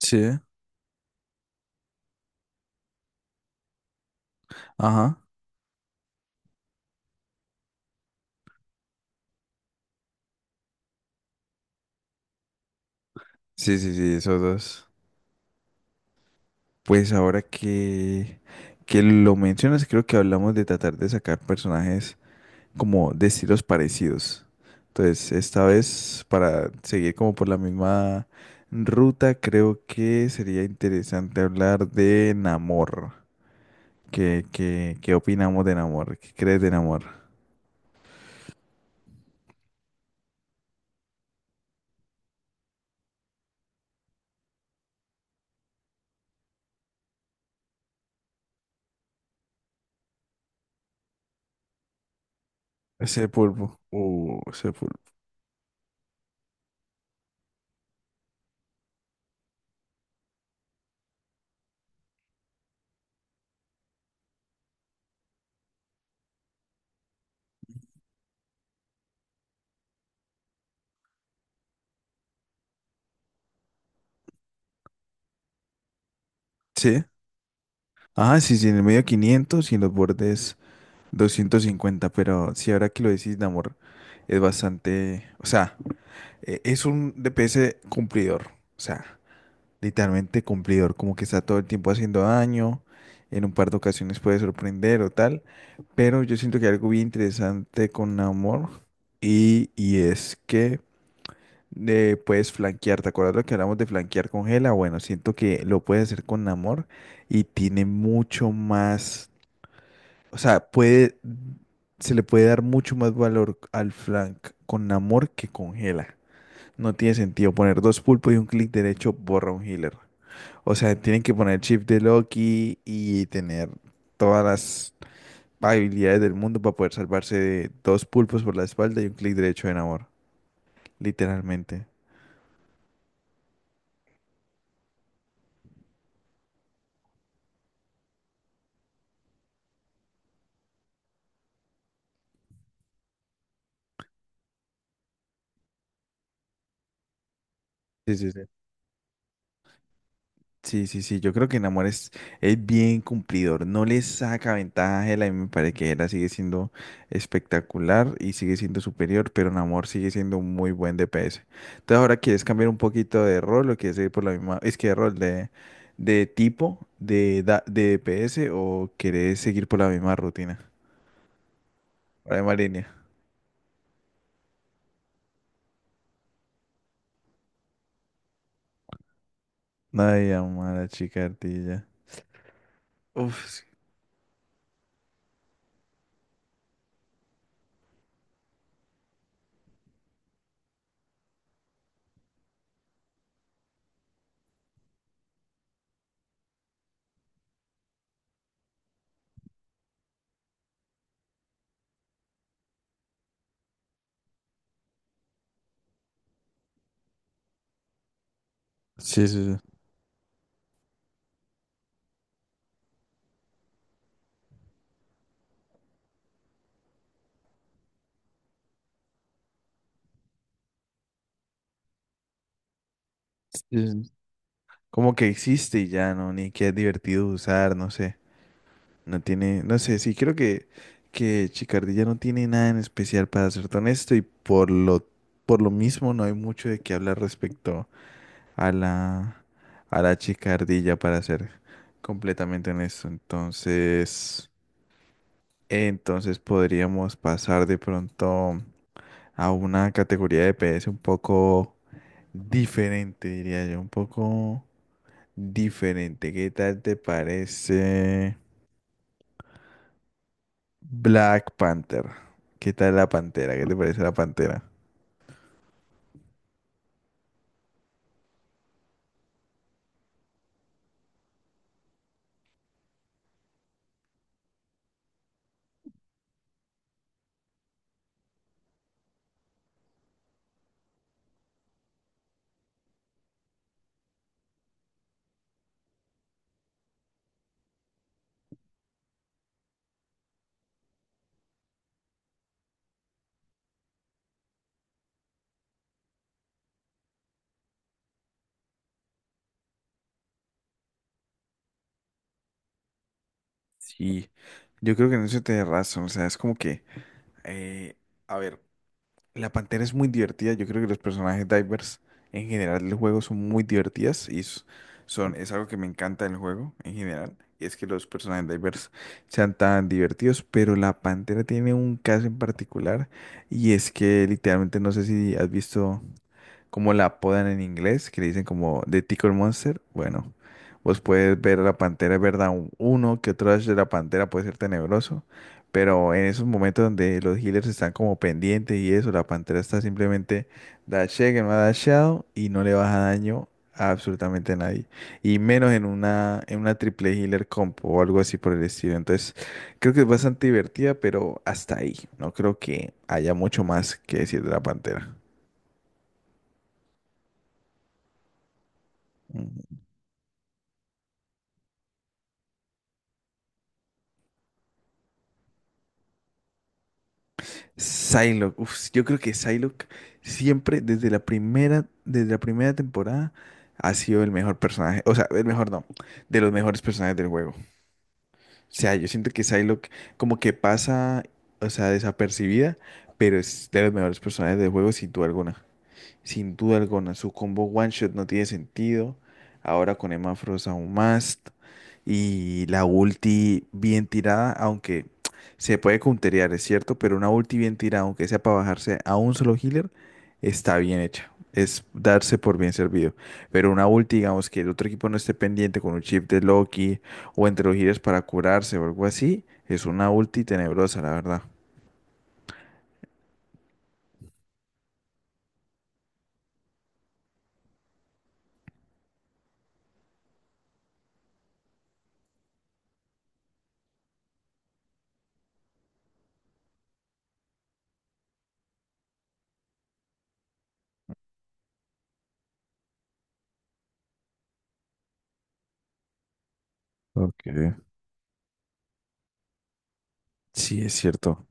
Sí, ajá. Sí, sí, sí, esos dos. Pues ahora que lo mencionas, creo que hablamos de tratar de sacar personajes como de estilos parecidos. Entonces, esta vez, para seguir como por la misma ruta, creo que sería interesante hablar de Namor. ¿Qué opinamos de Namor? ¿Qué crees de Namor? Ese pulpo. Ese pulpo. Sí. Ajá, sí, sí, en el medio 500 y en los bordes 250, pero si ahora que lo decís, Namor, es bastante, o sea, es un DPS cumplidor, o sea, literalmente cumplidor, como que está todo el tiempo haciendo daño. En un par de ocasiones puede sorprender o tal, pero yo siento que hay algo bien interesante con Namor, y es que puedes flanquear. ¿Te acuerdas lo que hablamos de flanquear con Gela? Bueno, siento que lo puedes hacer con Namor y tiene mucho más, o sea, puede, se le puede dar mucho más valor al flank con amor que con Gela. No tiene sentido poner dos pulpos y un clic derecho borra un healer. O sea, tienen que poner chip de Loki y tener todas las habilidades del mundo para poder salvarse de dos pulpos por la espalda y un clic derecho de amor. Literalmente. Sí, sí, sí. Sí, sí, sí, yo creo que Namor es bien cumplidor, no le saca ventaja a Hela y me parece que Hela sigue siendo espectacular y sigue siendo superior, pero Namor sigue siendo un muy buen DPS. Entonces ahora quieres cambiar un poquito de rol o quieres seguir por la misma, es que de rol de tipo de, de DPS, o querés seguir por la misma rutina, por la misma línea. Ay, amada chica ardilla. Uf, sí, sí, sí. Sí, sí. Como que existe y ya, ¿no? Ni que es divertido usar, no sé. No tiene, no sé, sí, creo que Chicardilla no tiene nada en especial para serte honesto y por lo mismo no hay mucho de qué hablar respecto a la, a la Chicardilla para ser completamente honesto. Entonces, podríamos pasar de pronto a una categoría de PS un poco diferente, diría yo, un poco diferente. ¿Qué tal te parece? Black Panther. ¿Qué tal la pantera? ¿Qué te parece la pantera? Sí, yo creo que en eso te razón. O sea, es como que, eh, a ver, la pantera es muy divertida. Yo creo que los personajes divers en general del juego son muy divertidas y son, es algo que me encanta del juego en general. Y es que los personajes divers sean tan divertidos, pero la pantera tiene un caso en particular y es que literalmente no sé si has visto como la apodan en inglés, que le dicen como The Tickle Monster. Bueno, vos puedes ver a la pantera, es verdad, uno que otro dash de la pantera puede ser tenebroso, pero en esos momentos donde los healers están como pendientes y eso, la pantera está simplemente dashé que no ha dashado y no le baja daño a absolutamente nadie. Y menos en una triple healer comp o algo así por el estilo. Entonces, creo que es bastante divertida, pero hasta ahí. No creo que haya mucho más que decir de la pantera. Psylocke, uf, yo creo que Psylocke siempre desde la primera temporada ha sido el mejor personaje, o sea, el mejor no, de los mejores personajes del juego. O sea, yo siento que Psylocke como que pasa, o sea, desapercibida, pero es de los mejores personajes del juego sin duda alguna. Sin duda alguna, su combo One Shot no tiene sentido. Ahora con Emma Frost aún más. Y la ulti bien tirada, aunque se puede counterear, es cierto, pero una ulti bien tirada, aunque sea para bajarse a un solo healer, está bien hecha. Es darse por bien servido. Pero una ulti, digamos, que el otro equipo no esté pendiente con un chip de Loki o entre los healers para curarse o algo así, es una ulti tenebrosa, la verdad. Ok. Sí, es cierto.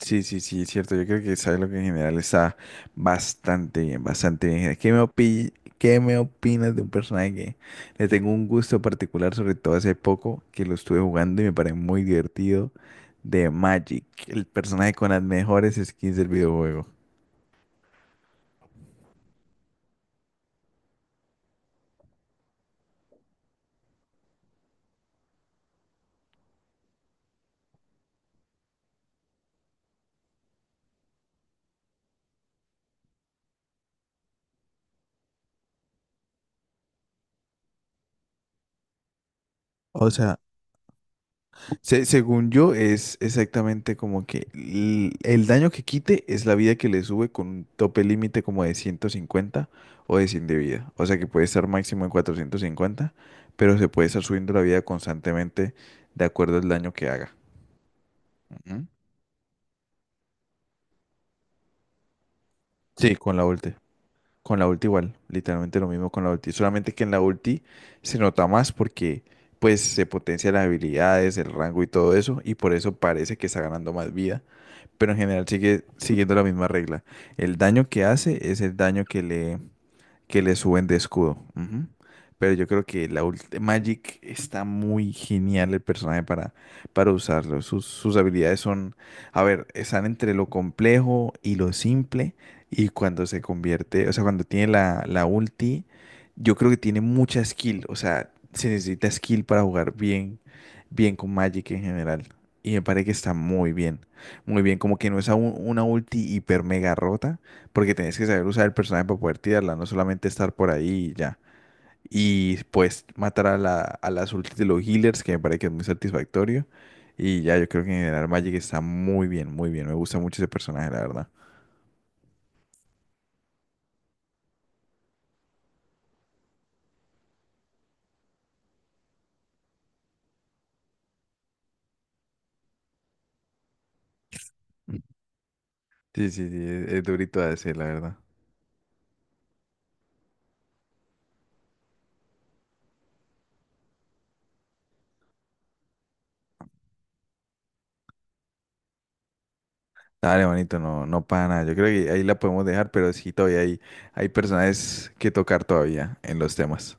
Sí, sí, sí, es cierto. Yo creo que sabes lo que en general está bastante bien, bastante bien. Qué me opinas de un personaje que le tengo un gusto particular, sobre todo hace poco, que lo estuve jugando y me parece muy divertido, de Magic, el personaje con las mejores skins del videojuego? O sea. Se- según yo, es exactamente como que el, daño que quite es la vida que le sube con un tope límite como de 150 o de 100 de vida. O sea que puede estar máximo en 450, pero se puede estar subiendo la vida constantemente de acuerdo al daño que haga. Ujú. Sí, con la ulti. Con la ulti igual, literalmente lo mismo con la ulti. Solamente que en la ulti se nota más porque pues se potencian las habilidades, el rango y todo eso, y por eso parece que está ganando más vida, pero en general sigue siguiendo la misma regla. El daño que hace es el daño que le suben de escudo. Ujú. Pero yo creo que Magic está muy genial el personaje para usarlo. Sus habilidades son, a ver, están entre lo complejo y lo simple. Y cuando se convierte, o sea, cuando tiene la ulti, yo creo que tiene mucha skill. O sea, se necesita skill para jugar bien, bien con Magic en general. Y me parece que está muy bien. Muy bien, como que no es a una ulti hiper mega rota porque tenés que saber usar el personaje para poder tirarla, no solamente estar por ahí y ya. Y pues matar a a las ultis de los healers, que me parece que es muy satisfactorio. Y ya, yo creo que en general Magic está muy bien, muy bien. Me gusta mucho ese personaje, la verdad. Sí, sí, sí, es durito de hacer, la verdad. Dale, bonito, no, no para nada. Yo creo que ahí la podemos dejar, pero sí, todavía hay personajes que tocar todavía en los temas.